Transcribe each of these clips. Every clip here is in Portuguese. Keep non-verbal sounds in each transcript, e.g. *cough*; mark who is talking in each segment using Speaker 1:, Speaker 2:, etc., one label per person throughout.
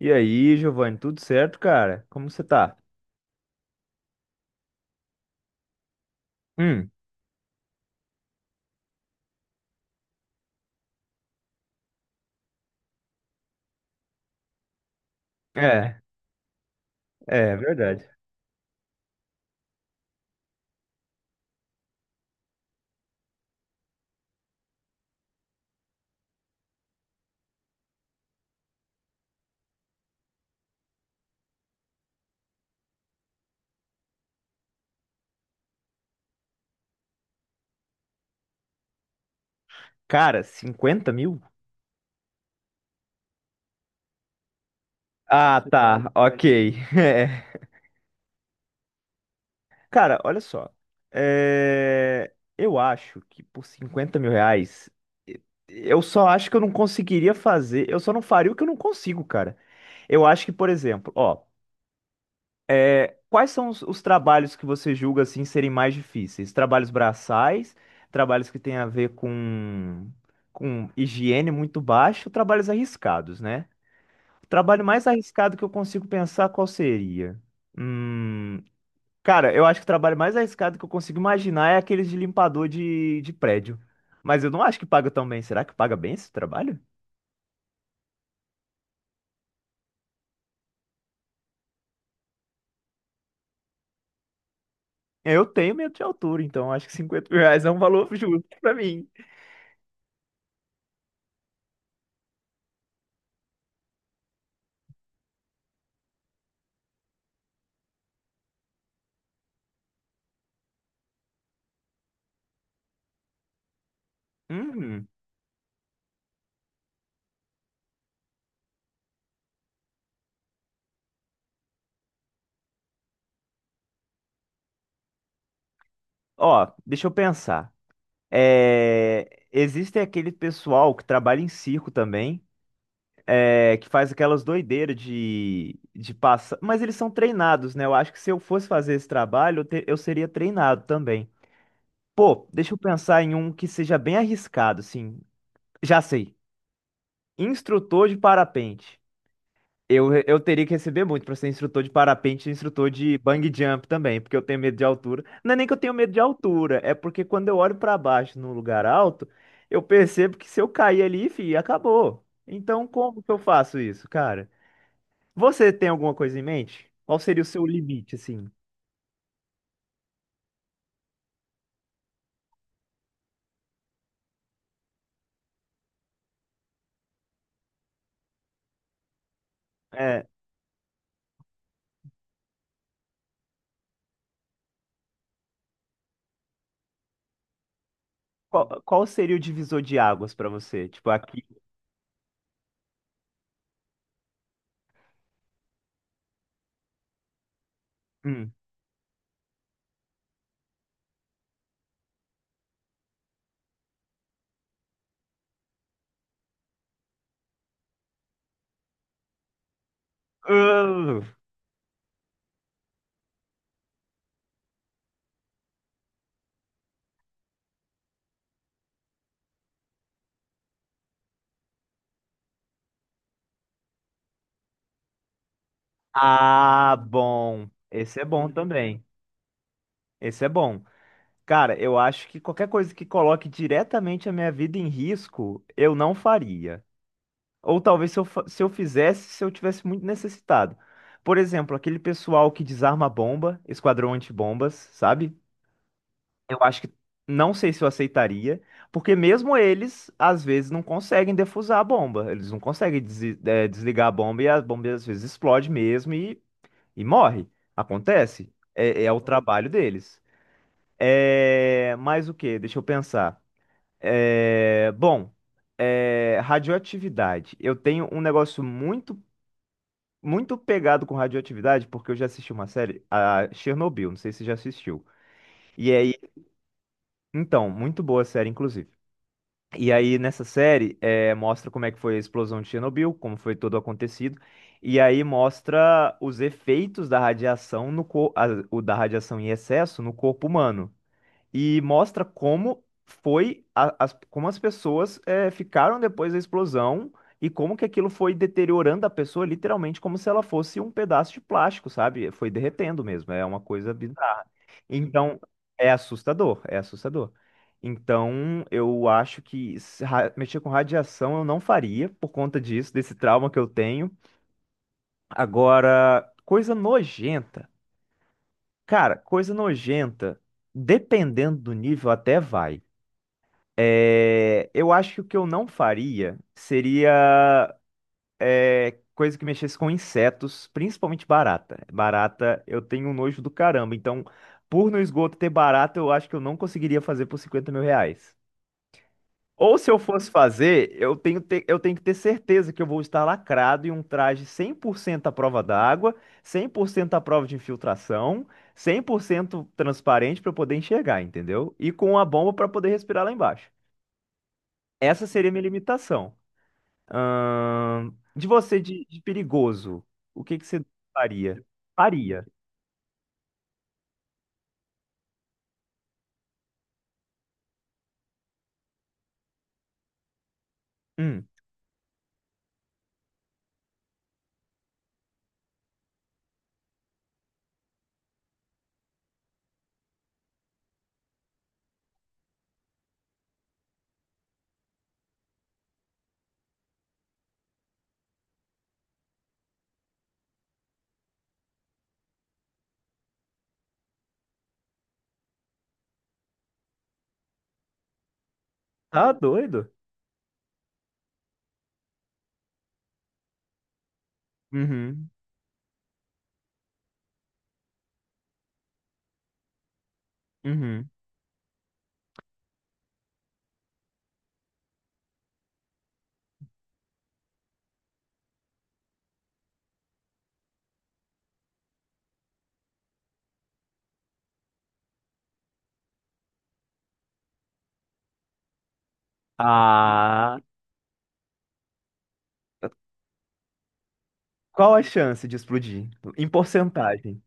Speaker 1: E aí, Giovanni, tudo certo, cara? Como você tá? Hum, é, é verdade. Cara, 50 mil? Ah, tá, ok. *laughs* É. Cara, olha só. É, eu acho que por 50 mil reais, e- eu só acho que eu não conseguiria fazer. Eu só não faria o que eu não consigo, cara. Eu acho que, por exemplo, ó, é, quais são os trabalhos que você julga assim serem mais difíceis? Trabalhos braçais, trabalhos que têm a ver com higiene muito baixa, trabalhos arriscados, né? O trabalho mais arriscado que eu consigo pensar qual seria? Hum, cara, eu acho que o trabalho mais arriscado que eu consigo imaginar é aqueles de limpador de prédio. Mas eu não acho que paga tão bem. Será que paga bem esse trabalho? Eu tenho medo de altura, então acho que 50 mil reais é um valor justo pra mim. Hum. Ó, deixa eu pensar. É, existe aquele pessoal que trabalha em circo também, é, que faz aquelas doideiras de passar. Mas eles são treinados, né? Eu acho que se eu fosse fazer esse trabalho, eu seria treinado também. Pô, deixa eu pensar em um que seja bem arriscado, assim. Já sei. Instrutor de parapente. Eu teria que receber muito pra ser instrutor de parapente e instrutor de bungee jump também, porque eu tenho medo de altura. Não é nem que eu tenho medo de altura, é porque quando eu olho pra baixo num lugar alto, eu percebo que se eu cair ali, fi, acabou. Então, como que eu faço isso, cara? Você tem alguma coisa em mente? Qual seria o seu limite, assim? É, qual seria o divisor de águas pra você? Tipo, aqui. Hum. Uh! Ah, bom. Esse é bom também. Esse é bom. Cara, eu acho que qualquer coisa que coloque diretamente a minha vida em risco, eu não faria. Ou talvez se eu fizesse, se eu tivesse muito necessitado. Por exemplo, aquele pessoal que desarma a bomba, esquadrão antibombas, sabe? Eu acho que não sei se eu aceitaria, porque mesmo eles, às vezes, não conseguem defusar a bomba. Eles não conseguem desligar a bomba e a bomba às vezes explode mesmo e morre. Acontece. É, é o trabalho deles. É... Mas o quê? Deixa eu pensar. É, bom, é, radioatividade. Eu tenho um negócio muito, muito pegado com radioatividade, porque eu já assisti uma série, a Chernobyl, não sei se você já assistiu. E aí, então, muito boa a série, inclusive. E aí, nessa série, é, mostra como é que foi a explosão de Chernobyl, como foi todo acontecido. E aí mostra os efeitos da radiação no cor... o da radiação em excesso no corpo humano. E mostra como foi como as pessoas ficaram depois da explosão e como que aquilo foi deteriorando a pessoa literalmente como se ela fosse um pedaço de plástico, sabe? Foi derretendo mesmo, é uma coisa bizarra. Então, é assustador, é assustador. Então, eu acho que mexer com radiação eu não faria por conta disso, desse trauma que eu tenho. Agora, coisa nojenta. Cara, coisa nojenta, dependendo do nível, até vai. É, eu acho que o que eu não faria seria é, coisa que mexesse com insetos, principalmente barata. Barata, eu tenho um nojo do caramba. Então, por no esgoto ter barata, eu acho que eu não conseguiria fazer por 50 mil reais. Ou se eu fosse fazer, eu tenho que ter certeza que eu vou estar lacrado em um traje 100% à prova d'água, 100% à prova de infiltração, 100% transparente para eu poder enxergar, entendeu? E com a bomba para poder respirar lá embaixo. Essa seria a minha limitação. De você, de perigoso, o que que você faria? Faria. Hum, tá doido? Uhum, uhum. Ah, qual a chance de explodir? Em porcentagem.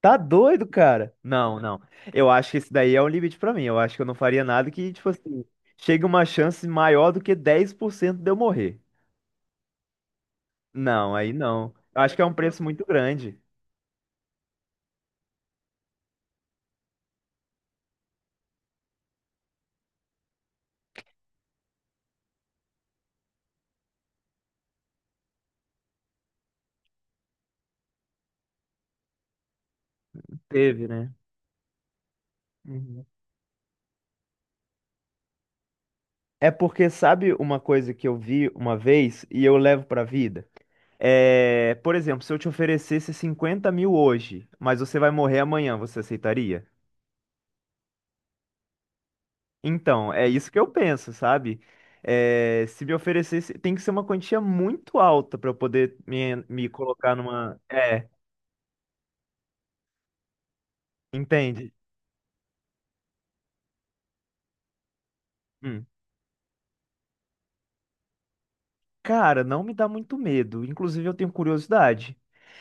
Speaker 1: Tá doido, cara? Não, não. Eu acho que esse daí é um limite pra mim. Eu acho que eu não faria nada que, tipo assim, chegue uma chance maior do que 10% de eu morrer. Não, aí não. Eu acho que é um preço muito grande. Teve, né? Uhum. É porque sabe uma coisa que eu vi uma vez e eu levo pra vida? É, por exemplo, se eu te oferecesse 50 mil hoje, mas você vai morrer amanhã, você aceitaria? Então, é isso que eu penso, sabe? É, se me oferecesse, tem que ser uma quantia muito alta pra eu poder me colocar numa. É, entende? Hum. Cara, não me dá muito medo. Inclusive, eu tenho curiosidade.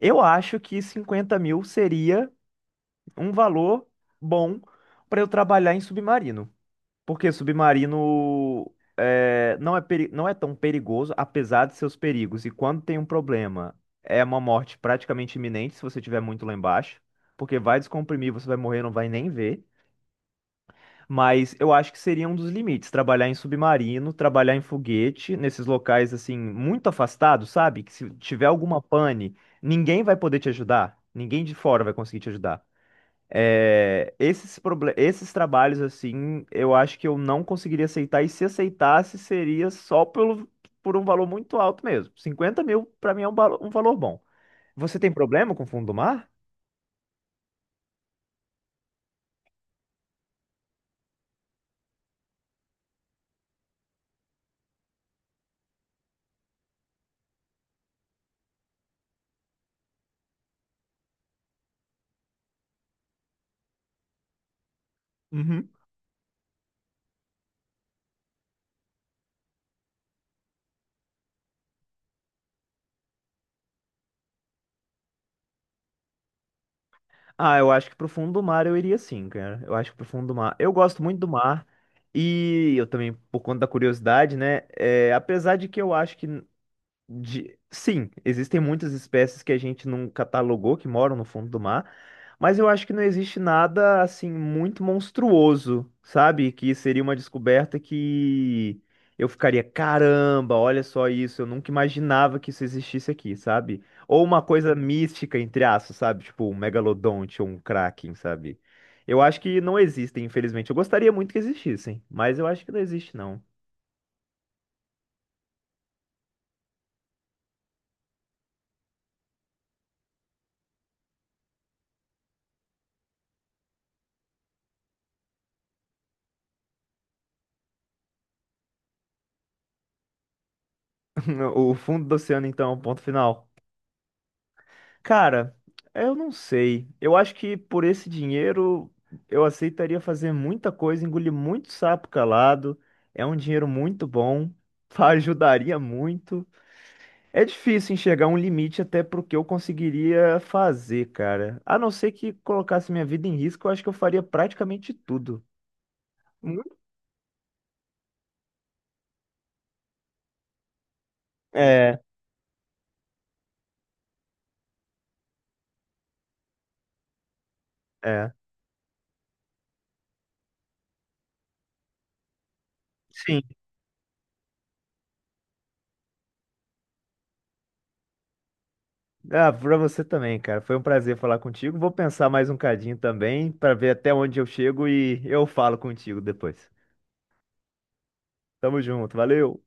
Speaker 1: Eu acho que 50 mil seria um valor bom pra eu trabalhar em submarino. Porque submarino é, não é, não é tão perigoso, apesar de seus perigos. E quando tem um problema, é uma morte praticamente iminente se você estiver muito lá embaixo. Porque vai descomprimir, você vai morrer, não vai nem ver. Mas eu acho que seria um dos limites, trabalhar em submarino, trabalhar em foguete, nesses locais assim, muito afastados, sabe? Que se tiver alguma pane, ninguém vai poder te ajudar. Ninguém de fora vai conseguir te ajudar. É, esses trabalhos, assim, eu acho que eu não conseguiria aceitar, e se aceitasse, seria só pelo, por um valor muito alto mesmo. 50 mil, pra mim, é um valor bom. Você tem problema com o fundo do mar? Uhum. Ah, eu acho que pro fundo do mar eu iria sim, cara. Eu acho que pro fundo do mar. Eu gosto muito do mar. E eu também, por conta da curiosidade, né? É, apesar de que eu acho que. De... Sim, existem muitas espécies que a gente não catalogou, que moram no fundo do mar, mas eu acho que não existe nada assim muito monstruoso, sabe? Que seria uma descoberta que eu ficaria, caramba, olha só isso, eu nunca imaginava que isso existisse aqui, sabe? Ou uma coisa mística, entre aspas, sabe? Tipo um megalodonte ou um kraken, sabe? Eu acho que não existem, infelizmente. Eu gostaria muito que existissem, mas eu acho que não existe, não. *laughs* O fundo do oceano, então, é o ponto final. Cara, eu não sei. Eu acho que por esse dinheiro eu aceitaria fazer muita coisa, engolir muito sapo calado. É um dinheiro muito bom, *laughs* ajudaria muito. É difícil enxergar um limite até pro que eu conseguiria fazer, cara. A não ser que colocasse minha vida em risco, eu acho que eu faria praticamente tudo. Hum? É, é. Sim. Ah, pra você também, cara. Foi um prazer falar contigo. Vou pensar mais um cadinho também, pra ver até onde eu chego e eu falo contigo depois. Tamo junto, valeu!